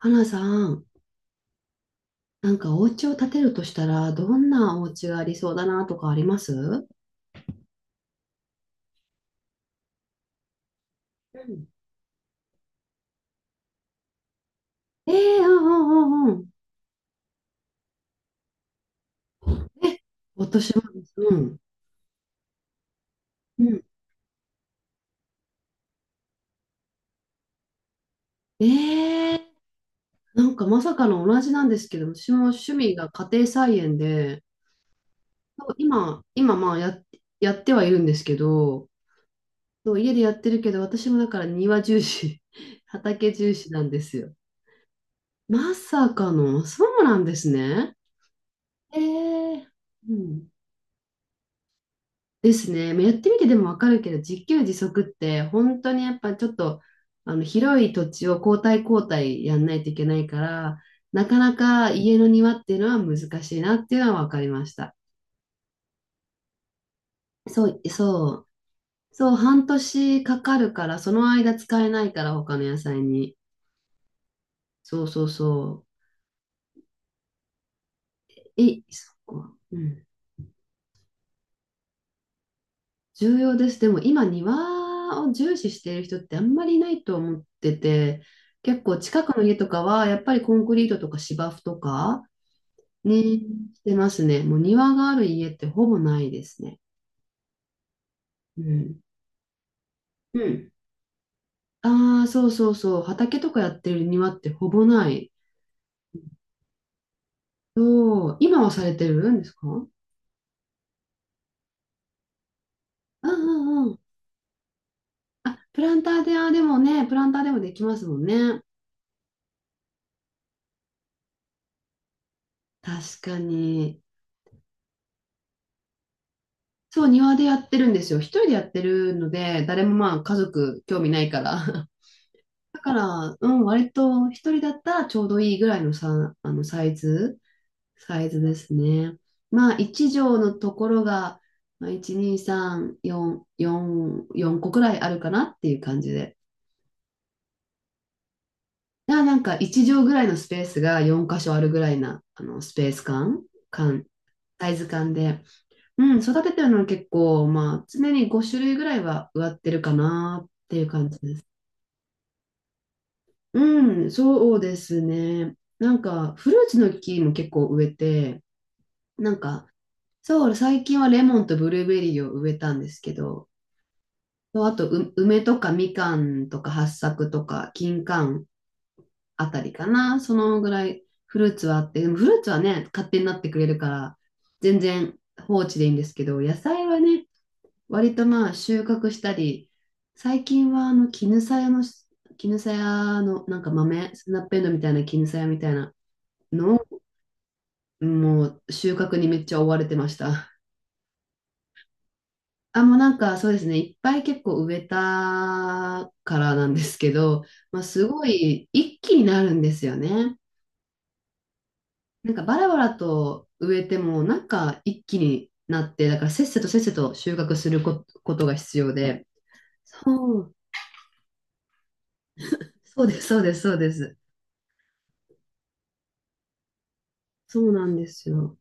花さん、なんかお家を建てるとしたら、どんなお家がありそうだなとかありますうん。ええー。うんうんうんうん。え、私もです。うん。うん。ええー、なんかまさかの同じなんですけど、私も趣味が家庭菜園で、そう今やってはいるんですけど、そう家でやってるけど、私もだから庭重視、畑重視なんですよ。まさかの、そうなんですね。ええー。うん。ですね。まあやってみてでもわかるけど、自給自足って本当にやっぱちょっと広い土地を交代交代やんないといけないから、なかなか家の庭っていうのは難しいなっていうのはわかりました。そう、そう、そう、半年かかるから、その間使えないから他の野菜に。そうそうそう。え、そっか。うん。重要です。でも今庭を重視している人ってあんまりいないと思ってて、結構近くの家とかはやっぱりコンクリートとか芝生とかね、してますね。もう庭がある家ってほぼないですね。うん。うん。ああ、そうそうそう。畑とかやってる庭ってほぼない。そう。今はされてるんですか？うんうんうん。あ、プランターで、あ、でもね、プランターでもできますもんね。確かに。そう、庭でやってるんですよ。一人でやってるので、誰もまあ家族興味ないから。だから、うん、割と一人だったらちょうどいいぐらいのさ、サイズ、サイズですね。まあ、1畳のところが、まあ、1、2、3、4、4、4個くらいあるかなっていう感じで。だからなんか1畳ぐらいのスペースが4箇所あるぐらいな、スペース感、感、サイズ感で。うん、育ててるのは結構、まあ、常に5種類ぐらいは植わってるかなっていう感じです。うん、そうですね。なんか、フルーツの木も結構植えて、なんか、そう、最近はレモンとブルーベリーを植えたんですけど、そうあと、梅とかみかんとか八朔とか金柑あたりかな。そのぐらいフルーツはあって、でもフルーツはね、勝手になってくれるから、全然放置でいいんですけど、野菜はね、割とまあ収穫したり、最近は絹さやの、なんか豆、スナッペンドウみたいな絹さやみたいなのをもう収穫にめっちゃ追われてました。あ、もうなんかそうですね、いっぱい結構植えたからなんですけど、まあ、すごい一気になるんですよね。なんかバラバラと植えてもなんか一気になって、だからせっせとせっせと収穫するとが必要で。そう、そうです、そうです、そうです。そうなんですよ。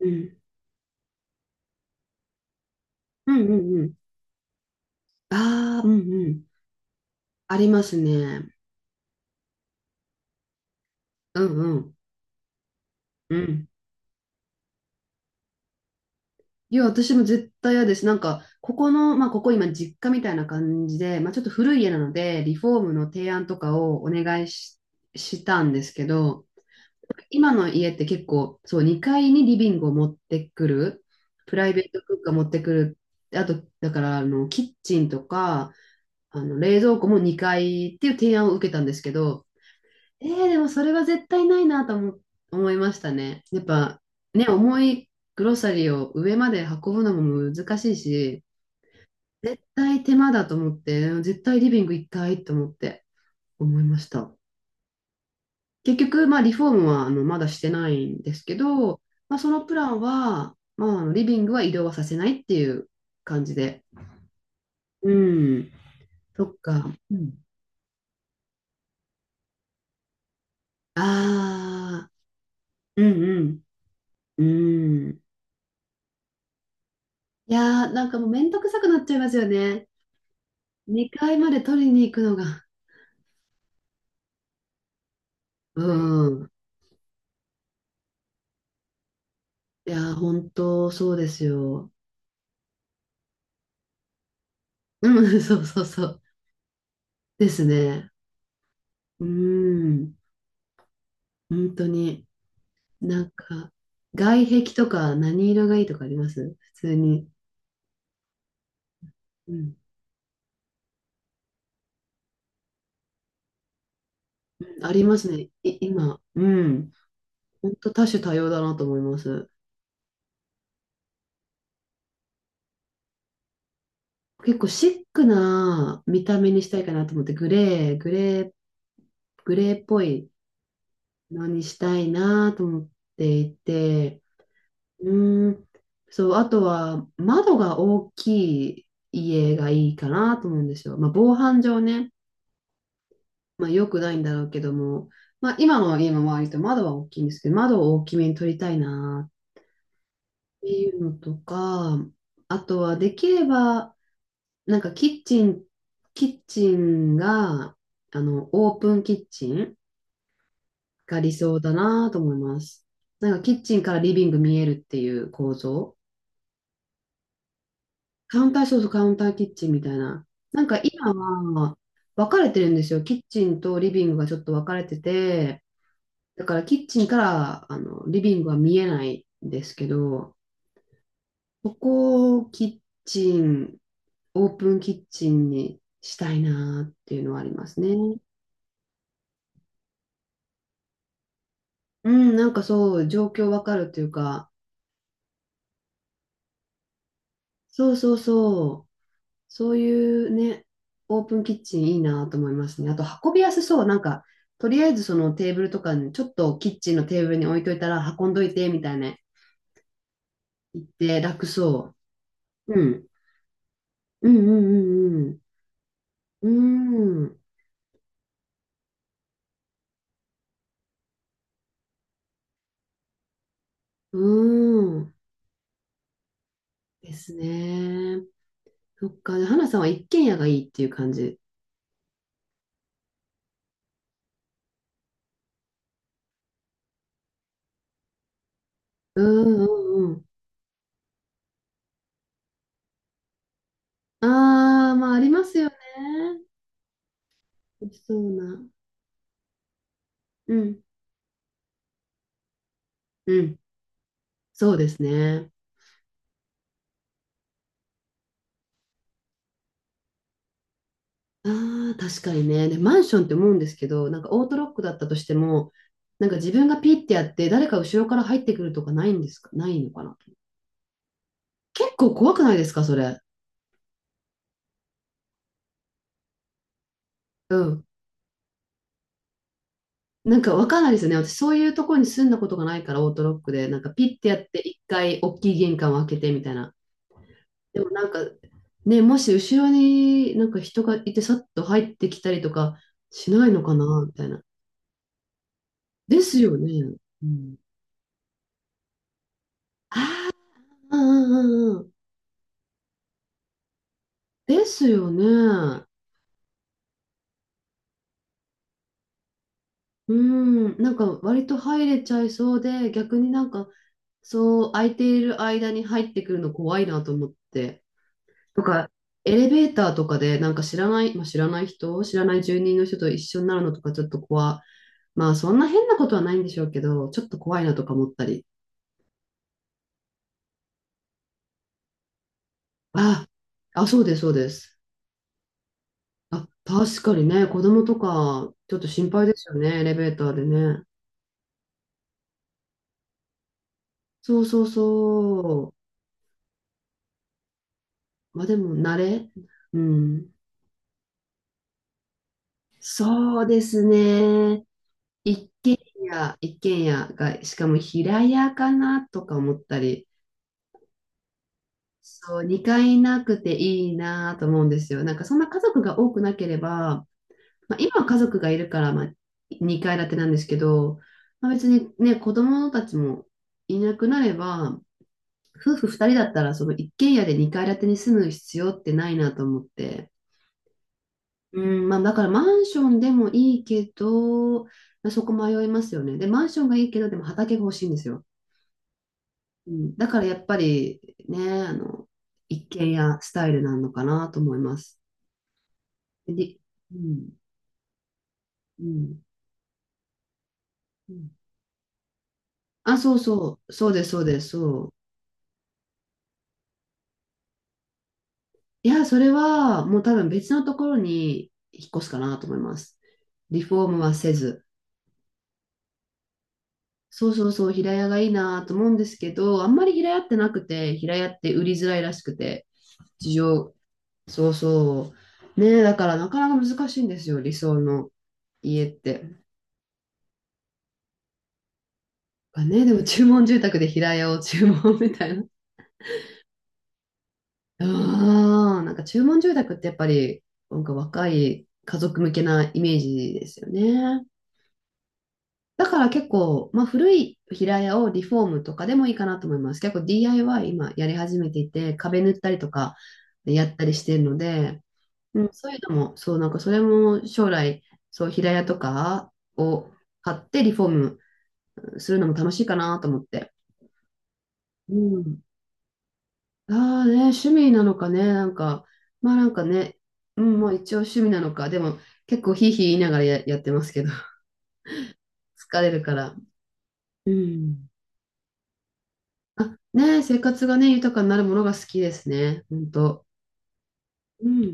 うん。うんうんうん。ああ、うんうん。ありますね。うんうん。うん。いや、私も絶対嫌です。なんか、ここの、まあ、ここ今、実家みたいな感じで、まあ、ちょっと古い家なので、リフォームの提案とかをお願いし、したんですけど、今の家って結構、そう、2階にリビングを持ってくる、プライベート空間持ってくる、あと、だから、キッチンとか、冷蔵庫も2階っていう提案を受けたんですけど、でもそれは絶対ないなと思いましたね。やっぱね、重いグロサリーを上まで運ぶのも難しいし、絶対手間だと思って、絶対リビング1回と思って思いました。結局、まあリフォームはまだしてないんですけど、まあ、そのプランは、まあ、リビングは移動はさせないっていう感じで。うん、そっか。うん。ああ、うんうん、うん。いやー、なんかもうめんどくさくなっちゃいますよね。2階まで取りに行くのが、うん。いやー、本当そうですよ。うん、そうそうそう。ですね。うん、本当に。なんか、外壁とか何色がいいとかあります？普通に。うん、ありますね。今。うん。本当多種多様だなと思います。結構シックな見た目にしたいかなと思って、グレー、グレー、グレーっぽいのにしたいなと思っていて、うーん。そう、あとは窓が大きい家がいいかなと思うんですよ。まあ、防犯上ね、まあ、良くないんだろうけども、まあ、今の家の周りと窓は大きいんですけど、窓を大きめに取りたいなっていうのとか、あとはできれば、なんかキッチンが、オープンキッチンが理想だなと思います。なんかキッチンからリビング見えるっていう構造。カウンター、そうそう、カウンターキッチンみたいな。なんか今は分かれてるんですよ。キッチンとリビングがちょっと分かれてて、だからキッチンからリビングは見えないんですけど、ここをキッチン、オープンキッチンにしたいなっていうのはありますね。うん、なんかそう、状況分かるというか、そうそうそう。そういうね、オープンキッチンいいなと思いますね。あと運びやすそう。なんか、とりあえずそのテーブルとかに、ちょっとキッチンのテーブルに置いといたら運んどいてみたいな言って楽そう。うん。うんうんうんうん。うーん。うーん。ですね。そっか。花さんは一軒家がいいっていう感じ。うんうんうん。ああ、まあありますよね。そうな。うん。うん。そうですね。ああ、確かにね。で、マンションって思うんですけど、なんかオートロックだったとしても、なんか自分がピッてやって、誰か後ろから入ってくるとかないんですか？ないのかな？結構怖くないですか？それ。うん。なんかわかんないですよね。私、そういうところに住んだことがないから、オートロックで、なんかピッてやって、一回大きい玄関を開けてみたいな。でもなんか、ね、もし後ろになんか人がいて、さっと入ってきたりとかしないのかなみたいな。ですよね。うん。うんうんうんうん。ですよね。うーん、なんか割と入れちゃいそうで、逆になんかそう空いている間に入ってくるの怖いなと思って。とか、エレベーターとかでなんか知らない、まあ、知らない住人の人と一緒になるのとかちょっと怖、まあそんな変なことはないんでしょうけど、ちょっと怖いなとか思ったり。あ、あ、そうです、そうです。あ、確かにね、子供とかちょっと心配ですよね、エレベーターでね。そうそうそう。まあでも慣れ。うん。そうですね。一軒一軒家が、しかも平屋かなとか思ったり、そう、2階なくていいなと思うんですよ。なんかそんな家族が多くなければ、まあ、今は家族がいるから、まあ、2階建てなんですけど、まあ、別にね、子供たちもいなくなれば、夫婦2人だったらその一軒家で2階建てに住む必要ってないなと思って。うん、まあ、だからマンションでもいいけど、まあ、そこ迷いますよね。で、マンションがいいけど、でも畑が欲しいんですよ。うん、だからやっぱりね、一軒家スタイルなのかなと思います。で、うん、うん、うん。あ、そうそう、そうです、そうです、そう。いや、それはもう多分別のところに引っ越すかなと思います。リフォームはせず。そうそうそう、平屋がいいなと思うんですけど、あんまり平屋ってなくて、平屋って売りづらいらしくて。事情そうそう。ねえ、だからなかなか難しいんですよ、理想の家って。あね、でも注文住宅で平屋を注文みたいな。ああ、なんか注文住宅ってやっぱり、なんか若い家族向けなイメージですよね。だから結構、まあ古い平屋をリフォームとかでもいいかなと思います。結構 DIY 今やり始めていて、壁塗ったりとかやったりしてるので、うん、そういうのも、そう、なんかそれも将来、そう、平屋とかを買ってリフォームするのも楽しいかなと思って。うん。ああね、趣味なのかね、なんか、まあなんかね、うん、まあ一応趣味なのか、でも結構ひいひい言いながらやってますけど、疲れるから。うん。あ、ね、生活がね、豊かになるものが好きですね、本当。うん。